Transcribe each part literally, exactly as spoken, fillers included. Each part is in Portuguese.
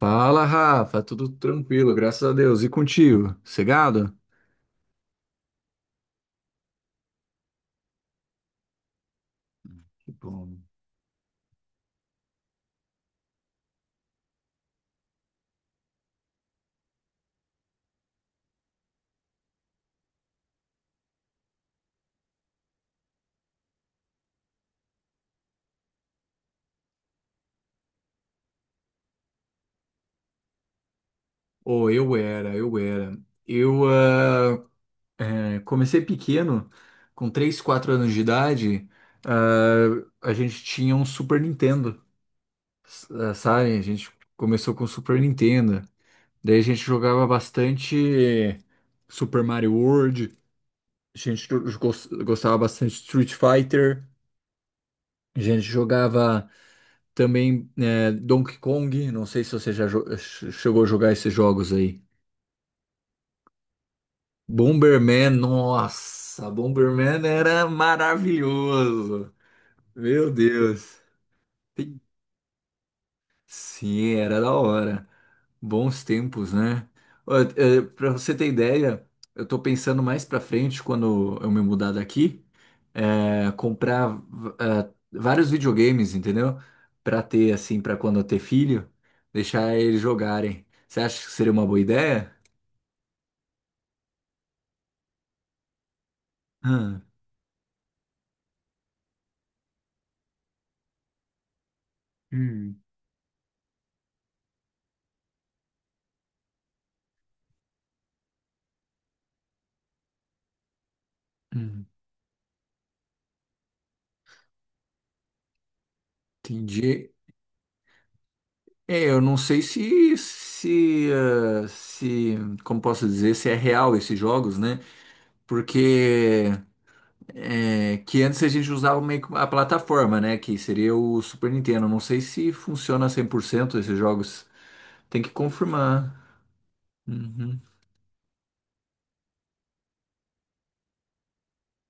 Fala, Rafa, tudo tranquilo, graças a Deus. E contigo? Cegado? Que bom. Oh, eu era, eu era. Eu ah, é, comecei pequeno, com três, quatro anos de idade, ah, a gente tinha um Super Nintendo, s- ah, sabe? A gente começou com o Super Nintendo. Daí a gente jogava bastante Super Mario World, a gente go- gostava bastante de Street Fighter, a gente jogava. Também é, Donkey Kong, não sei se você já jo- ch- chegou a jogar esses jogos aí. Bomberman, nossa, Bomberman era maravilhoso. Meu Deus. Tem- Sim, era da hora. Bons tempos, né? Para você ter ideia, eu tô pensando mais pra frente, quando eu me mudar daqui, é, comprar v- é, vários videogames, entendeu? Pra ter, assim, pra quando eu ter filho, deixar eles jogarem. Você acha que seria uma boa ideia? Ah. Hum. Hum, entendi. É, eu não sei se, se, eh, se, como posso dizer, se é real esses jogos, né? Porque é, que antes a gente usava meio que a plataforma, né? Que seria o Super Nintendo. Não sei se funciona cem por cento esses jogos. Tem que confirmar. Uhum.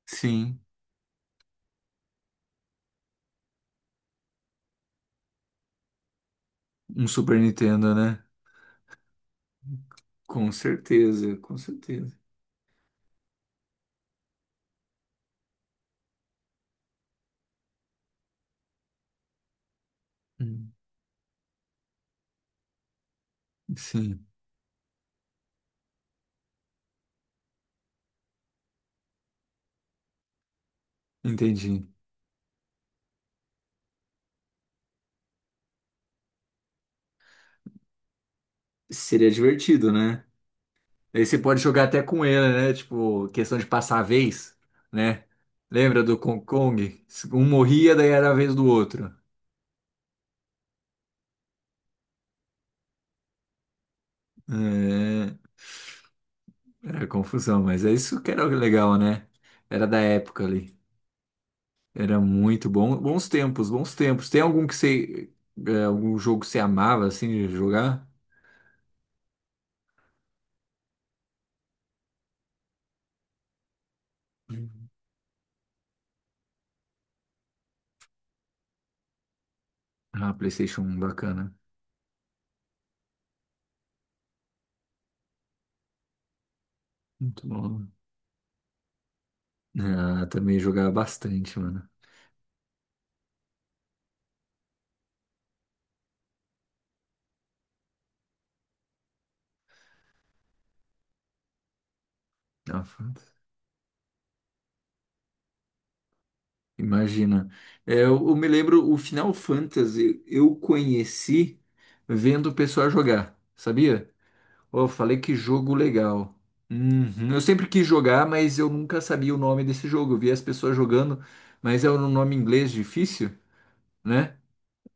Sim, um Super Nintendo, né? Com certeza, com certeza. Hum. Sim, entendi. Seria divertido, né? Aí você pode jogar até com ele, né? Tipo, questão de passar a vez, né? Lembra do Kong Kong? Um morria, daí era a vez do outro. É, era confusão, mas é isso que era o legal, né? Era da época ali. Era muito bom. Bons tempos, bons tempos. Tem algum que você. É, algum jogo que você amava assim de jogar? Ah, PlayStation um, bacana. Muito bom. Ah, também jogava bastante, mano. Ah, fant- Imagina. É, eu, eu me lembro o Final Fantasy, eu conheci vendo o pessoal jogar, sabia? Pô, falei que jogo legal. Uhum. Eu sempre quis jogar, mas eu nunca sabia o nome desse jogo. Eu via as pessoas jogando, mas é um nome em inglês difícil, né?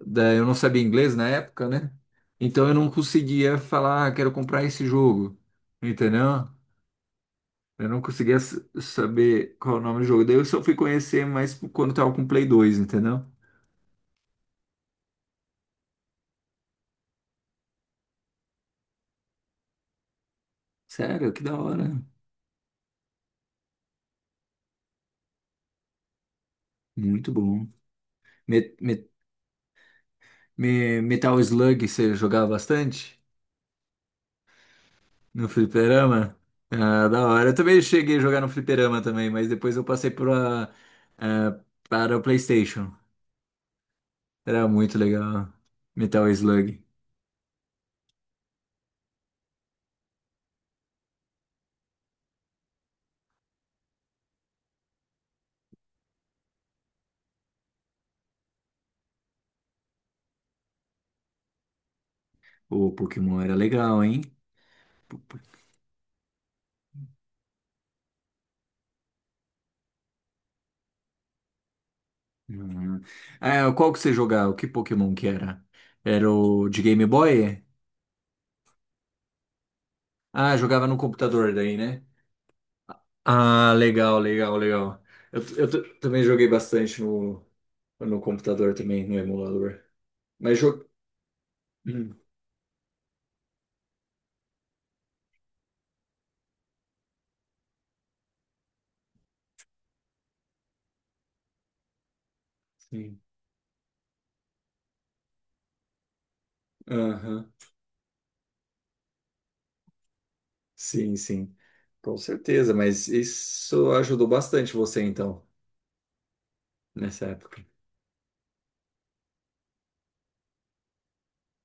Da- Eu não sabia inglês na época, né? Então eu não conseguia falar, ah, quero comprar esse jogo, entendeu? Eu não conseguia s- saber qual é o nome do jogo. Daí eu só fui conhecer mais quando tava com o Play dois, entendeu? Sério, que da hora. Muito bom. Me- me- me- Metal Slug, você jogava bastante? No fliperama? Ah, da hora. Eu também cheguei a jogar no fliperama também, mas depois eu passei pra, ah, para o PlayStation. Era muito legal. Metal Slug. O Pokémon era legal, hein? Po- po- Uhum. Ah, qual que você jogava? Que Pokémon que era? Era o de Game Boy? Ah, jogava no computador daí, né? Ah, legal, legal, legal. Eu, eu t- também joguei bastante no, no computador também, no emulador. Mas jo... Hum, sim. Aham. Sim, sim, com certeza, mas isso ajudou bastante você então, nessa época.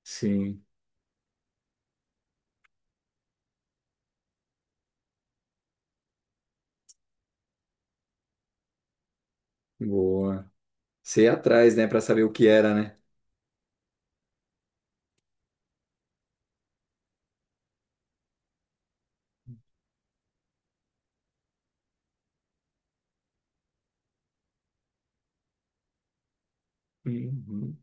Sim, boa. Você ia atrás, né? Pra saber o que era, né? Uhum.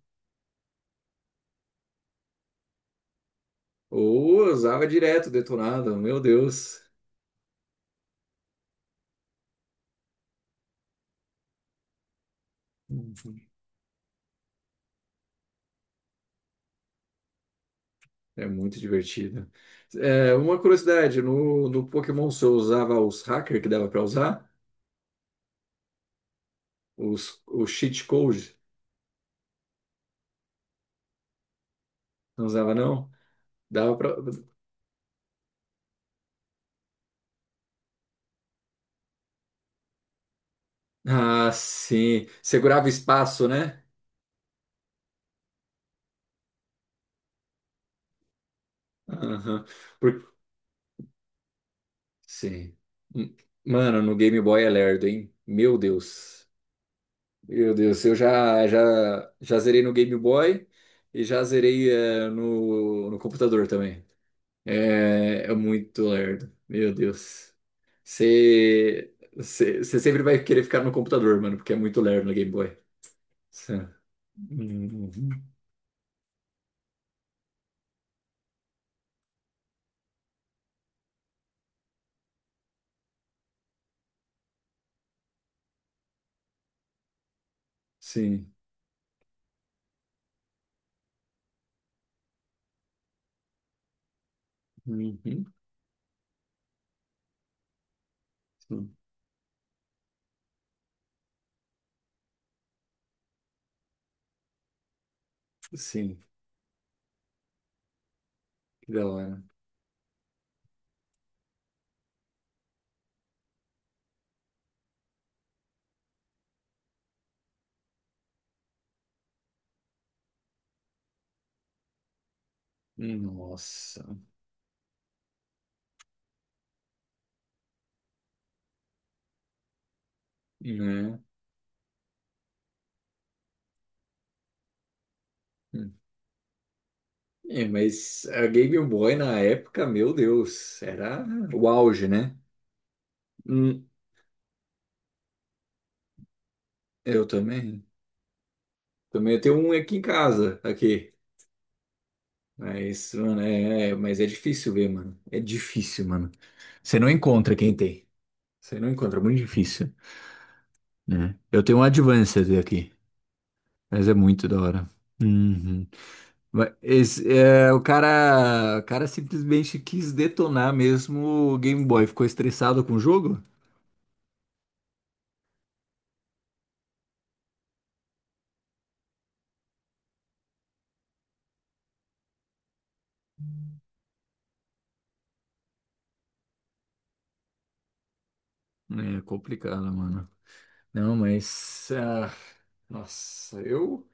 Ou eu usava direto detonado, meu Deus. Uhum. É muito divertido. É, uma curiosidade, no, no Pokémon você usava os hackers que dava pra usar? Os, o cheat code? Não usava não? Dava pra... Ah, sim. Segurava espaço, né? Aham. Sim. M- Mano, no Game Boy é lerdo, hein? Meu Deus. Meu Deus, eu já, já, já zerei no Game Boy e já zerei eh, no, no computador também. É, é muito lerdo. Meu Deus. Você você- você sempre vai querer ficar no computador, mano, porque é muito lerdo no Game Boy. Cê- Uhum. Sim. Uhum. Sim. Sim. Que da hora. Nossa. Né? É, mas a Game Boy na época, meu Deus, era o auge, né? Hum, eu também. Também eu tenho um aqui em casa, aqui. Mas, mano, é, é- mas é difícil ver, mano. É difícil, mano. Você não encontra quem tem. Você não encontra, é muito difícil, né? Eu tenho um Advanced aqui, mas é muito da hora. Uhum. Mas esse, é, o cara, o cara simplesmente quis detonar mesmo o Game Boy. Ficou estressado com o jogo? É complicado, mano. Não, mas. Ah, nossa, eu.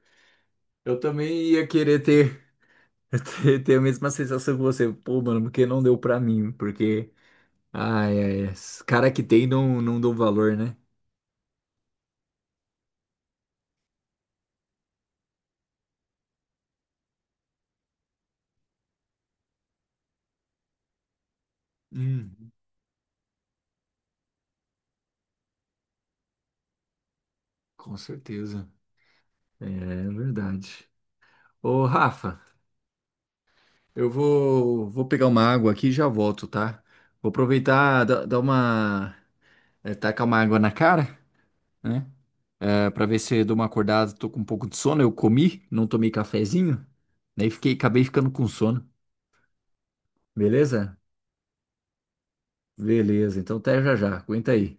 Eu também ia querer ter, ter, ter a mesma sensação que você. Pô, mano, porque não deu pra mim? Porque. Ai, ai, esses cara que tem não, não dão valor, né? Hum, com certeza. É verdade. Ô, Rafa, eu vou, vou pegar uma água aqui e já volto, tá? Vou aproveitar, dar dar uma. é, tacar uma água na cara, né? É, pra ver se eu dou uma acordada, tô com um pouco de sono. Eu comi, não tomei cafezinho, daí fiquei, acabei ficando com sono. Beleza? Beleza, então até já já. Aguenta aí.